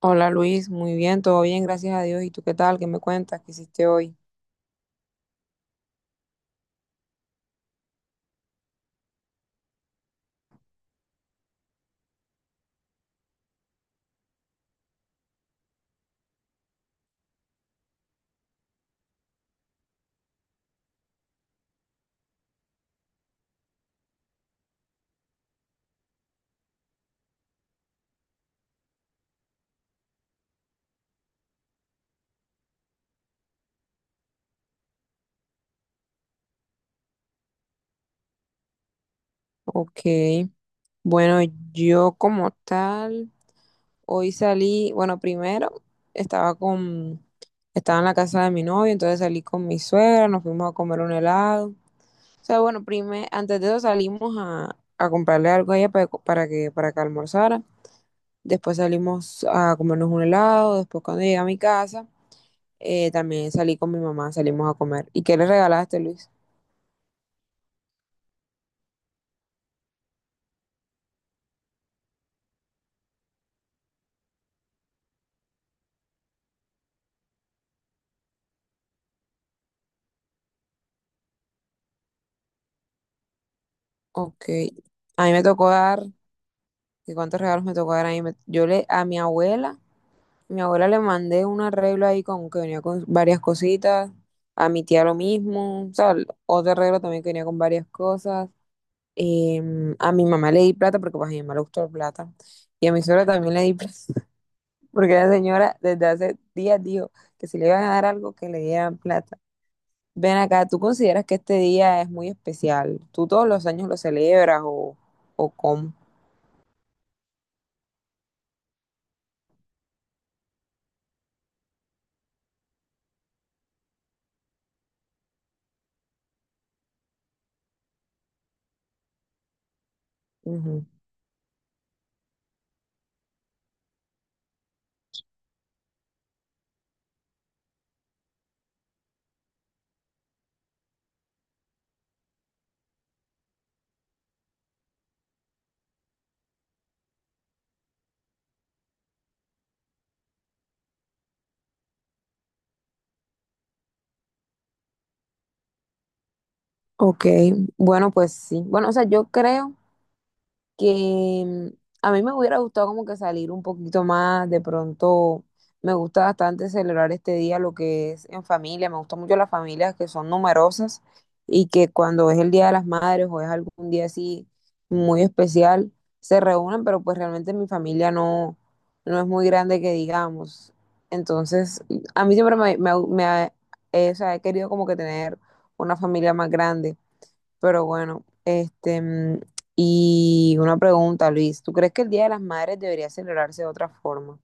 Hola Luis, muy bien, todo bien, gracias a Dios. ¿Y tú qué tal? ¿Qué me cuentas? ¿Qué hiciste hoy? Ok, bueno, yo como tal, hoy salí, bueno, primero estaba con, estaba en la casa de mi novio, entonces salí con mi suegra, nos fuimos a comer un helado. O sea, bueno, primero, antes de eso salimos a comprarle algo a ella para que almorzara. Después salimos a comernos un helado, después cuando llegué a mi casa, también salí con mi mamá, salimos a comer. ¿Y qué le regalaste, Luis? Ok. A mí me tocó dar, ¿Y cuántos regalos me tocó dar? A mi abuela le mandé un arreglo ahí con que venía con varias cositas, a mi tía lo mismo, o sea, otro arreglo también que venía con varias cosas. A mi mamá le di plata porque pues, a mi mamá le gustó la plata. Y a mi suegra también le di plata, porque la señora desde hace días dijo que si le iban a dar algo, que le dieran plata. Ven acá, ¿tú consideras que este día es muy especial? ¿Tú todos los años lo celebras o cómo? Ok, bueno, pues sí. Bueno, o sea, yo creo que a mí me hubiera gustado como que salir un poquito más, de pronto me gusta bastante celebrar este día, lo que es en familia, me gustan mucho las familias que son numerosas y que cuando es el Día de las Madres o es algún día así muy especial, se reúnen, pero pues realmente mi familia no, no es muy grande que digamos. Entonces, a mí siempre o sea, he querido como que tener una familia más grande. Pero bueno, y una pregunta, Luis, ¿tú crees que el Día de las Madres debería celebrarse de otra forma?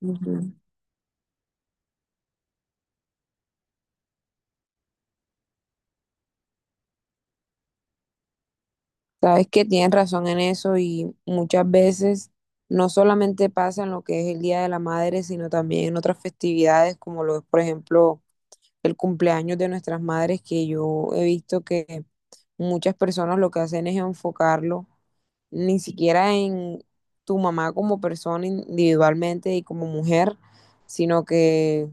Ujú. Sabes que tienes razón en eso y muchas veces no solamente pasa en lo que es el Día de la Madre, sino también en otras festividades como lo es, por ejemplo, el cumpleaños de nuestras madres, que yo he visto que muchas personas lo que hacen es enfocarlo ni siquiera en tu mamá como persona individualmente y como mujer, sino que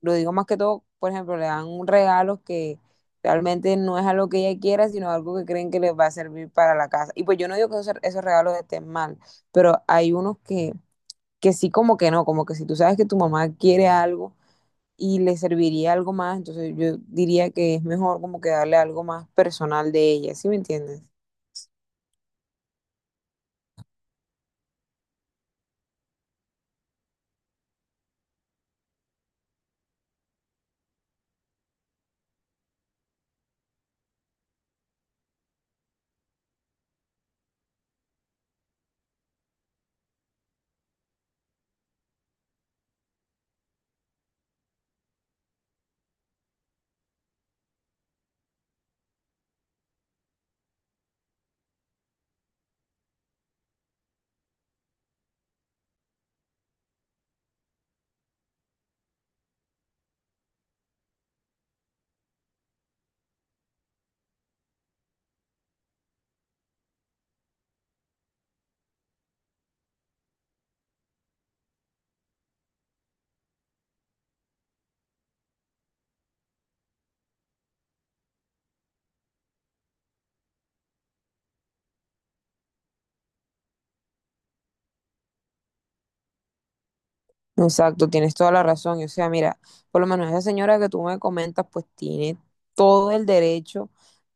lo digo más que todo, por ejemplo, le dan un regalo que realmente no es algo que ella quiera, sino algo que creen que les va a servir para la casa. Y pues yo no digo que esos regalos estén mal, pero hay unos que sí como que no, como que si tú sabes que tu mamá quiere algo, y le serviría algo más, entonces yo diría que es mejor como que darle algo más personal de ella, ¿sí me entiendes? Exacto, tienes toda la razón. O sea, mira, por lo menos esa señora que tú me comentas, pues tiene todo el derecho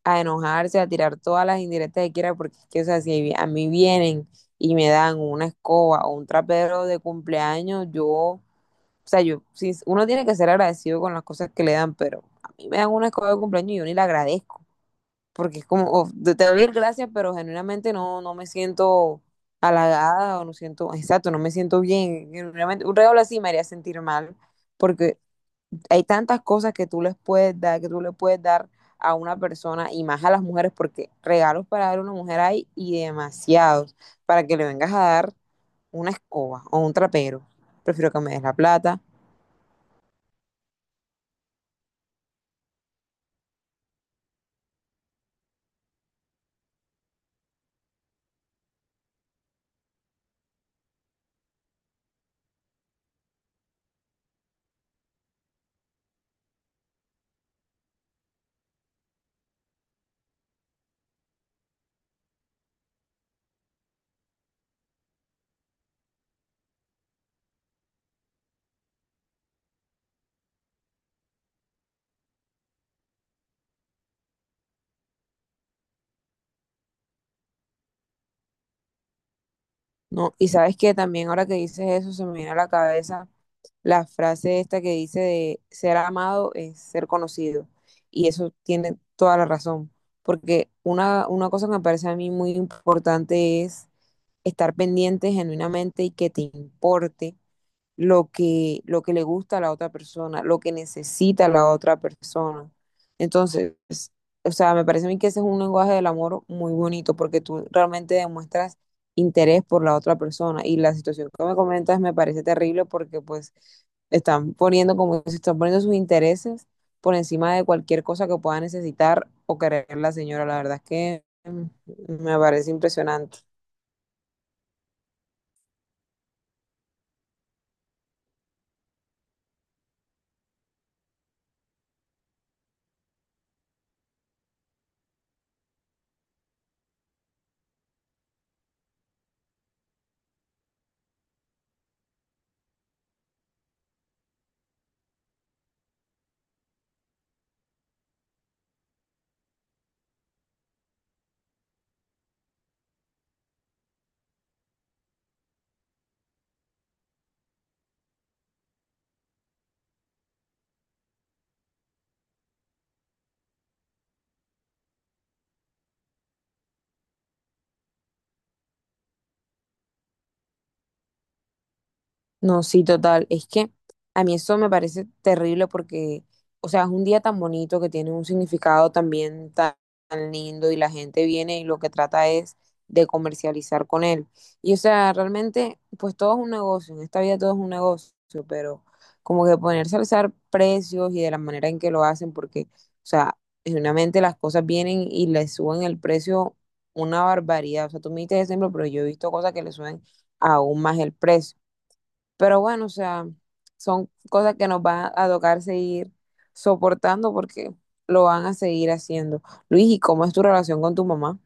a enojarse, a tirar todas las indirectas que quiera, porque es que, o sea, si vi- a mí vienen y me dan una escoba o un trapero de cumpleaños, o sea, yo, sí, uno tiene que ser agradecido con las cosas que le dan, pero a mí me dan una escoba de cumpleaños y yo ni la agradezco. Porque es como, oh, te doy las gracias, pero genuinamente no, no me siento halagada o no siento, exacto, no me siento bien. Genuinamente, un regalo así me haría sentir mal, porque hay tantas cosas que tú les puedes dar, que tú le puedes dar a una persona y más a las mujeres, porque regalos para dar a una mujer hay y demasiados, para que le vengas a dar una escoba o un trapero. Prefiero que me des la plata. No, y sabes que también ahora que dices eso se me viene a la cabeza la frase esta que dice de ser amado es ser conocido. Y eso tiene toda la razón, porque una cosa que me parece a mí muy importante es estar pendiente genuinamente y que te importe lo que le gusta a la otra persona, lo que necesita la otra persona. Entonces, o sea, me parece a mí que ese es un lenguaje del amor muy bonito porque tú realmente demuestras interés por la otra persona y la situación que me comentas me parece terrible porque pues están poniendo como se están poniendo sus intereses por encima de cualquier cosa que pueda necesitar o querer la señora. La verdad es que me parece impresionante. No, sí, total. Es que a mí eso me parece terrible porque, o sea, es un día tan bonito que tiene un significado también tan lindo y la gente viene y lo que trata es de comercializar con él. Y, o sea, realmente, pues todo es un negocio, en esta vida todo es un negocio, pero como que ponerse a alzar precios y de la manera en que lo hacen, porque, o sea, genuinamente las cosas vienen y le suben el precio una barbaridad. O sea, tú me diste ese ejemplo, pero yo he visto cosas que le suben aún más el precio. Pero bueno, o sea, son cosas que nos van a tocar seguir soportando porque lo van a seguir haciendo. Luis, ¿y cómo es tu relación con tu mamá?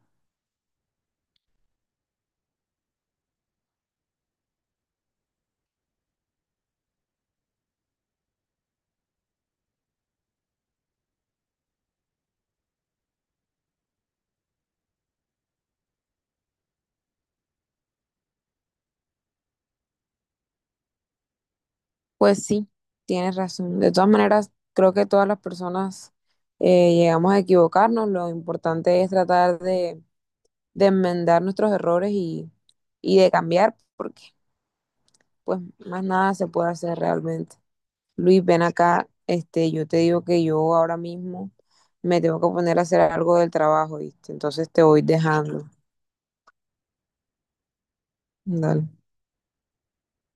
Pues sí, tienes razón. De todas maneras, creo que todas las personas llegamos a equivocarnos. Lo importante es tratar de enmendar nuestros errores y de cambiar, porque pues más nada se puede hacer realmente. Luis, ven acá, este, yo te digo que yo ahora mismo me tengo que poner a hacer algo del trabajo, ¿viste? Entonces te voy dejando. Dale.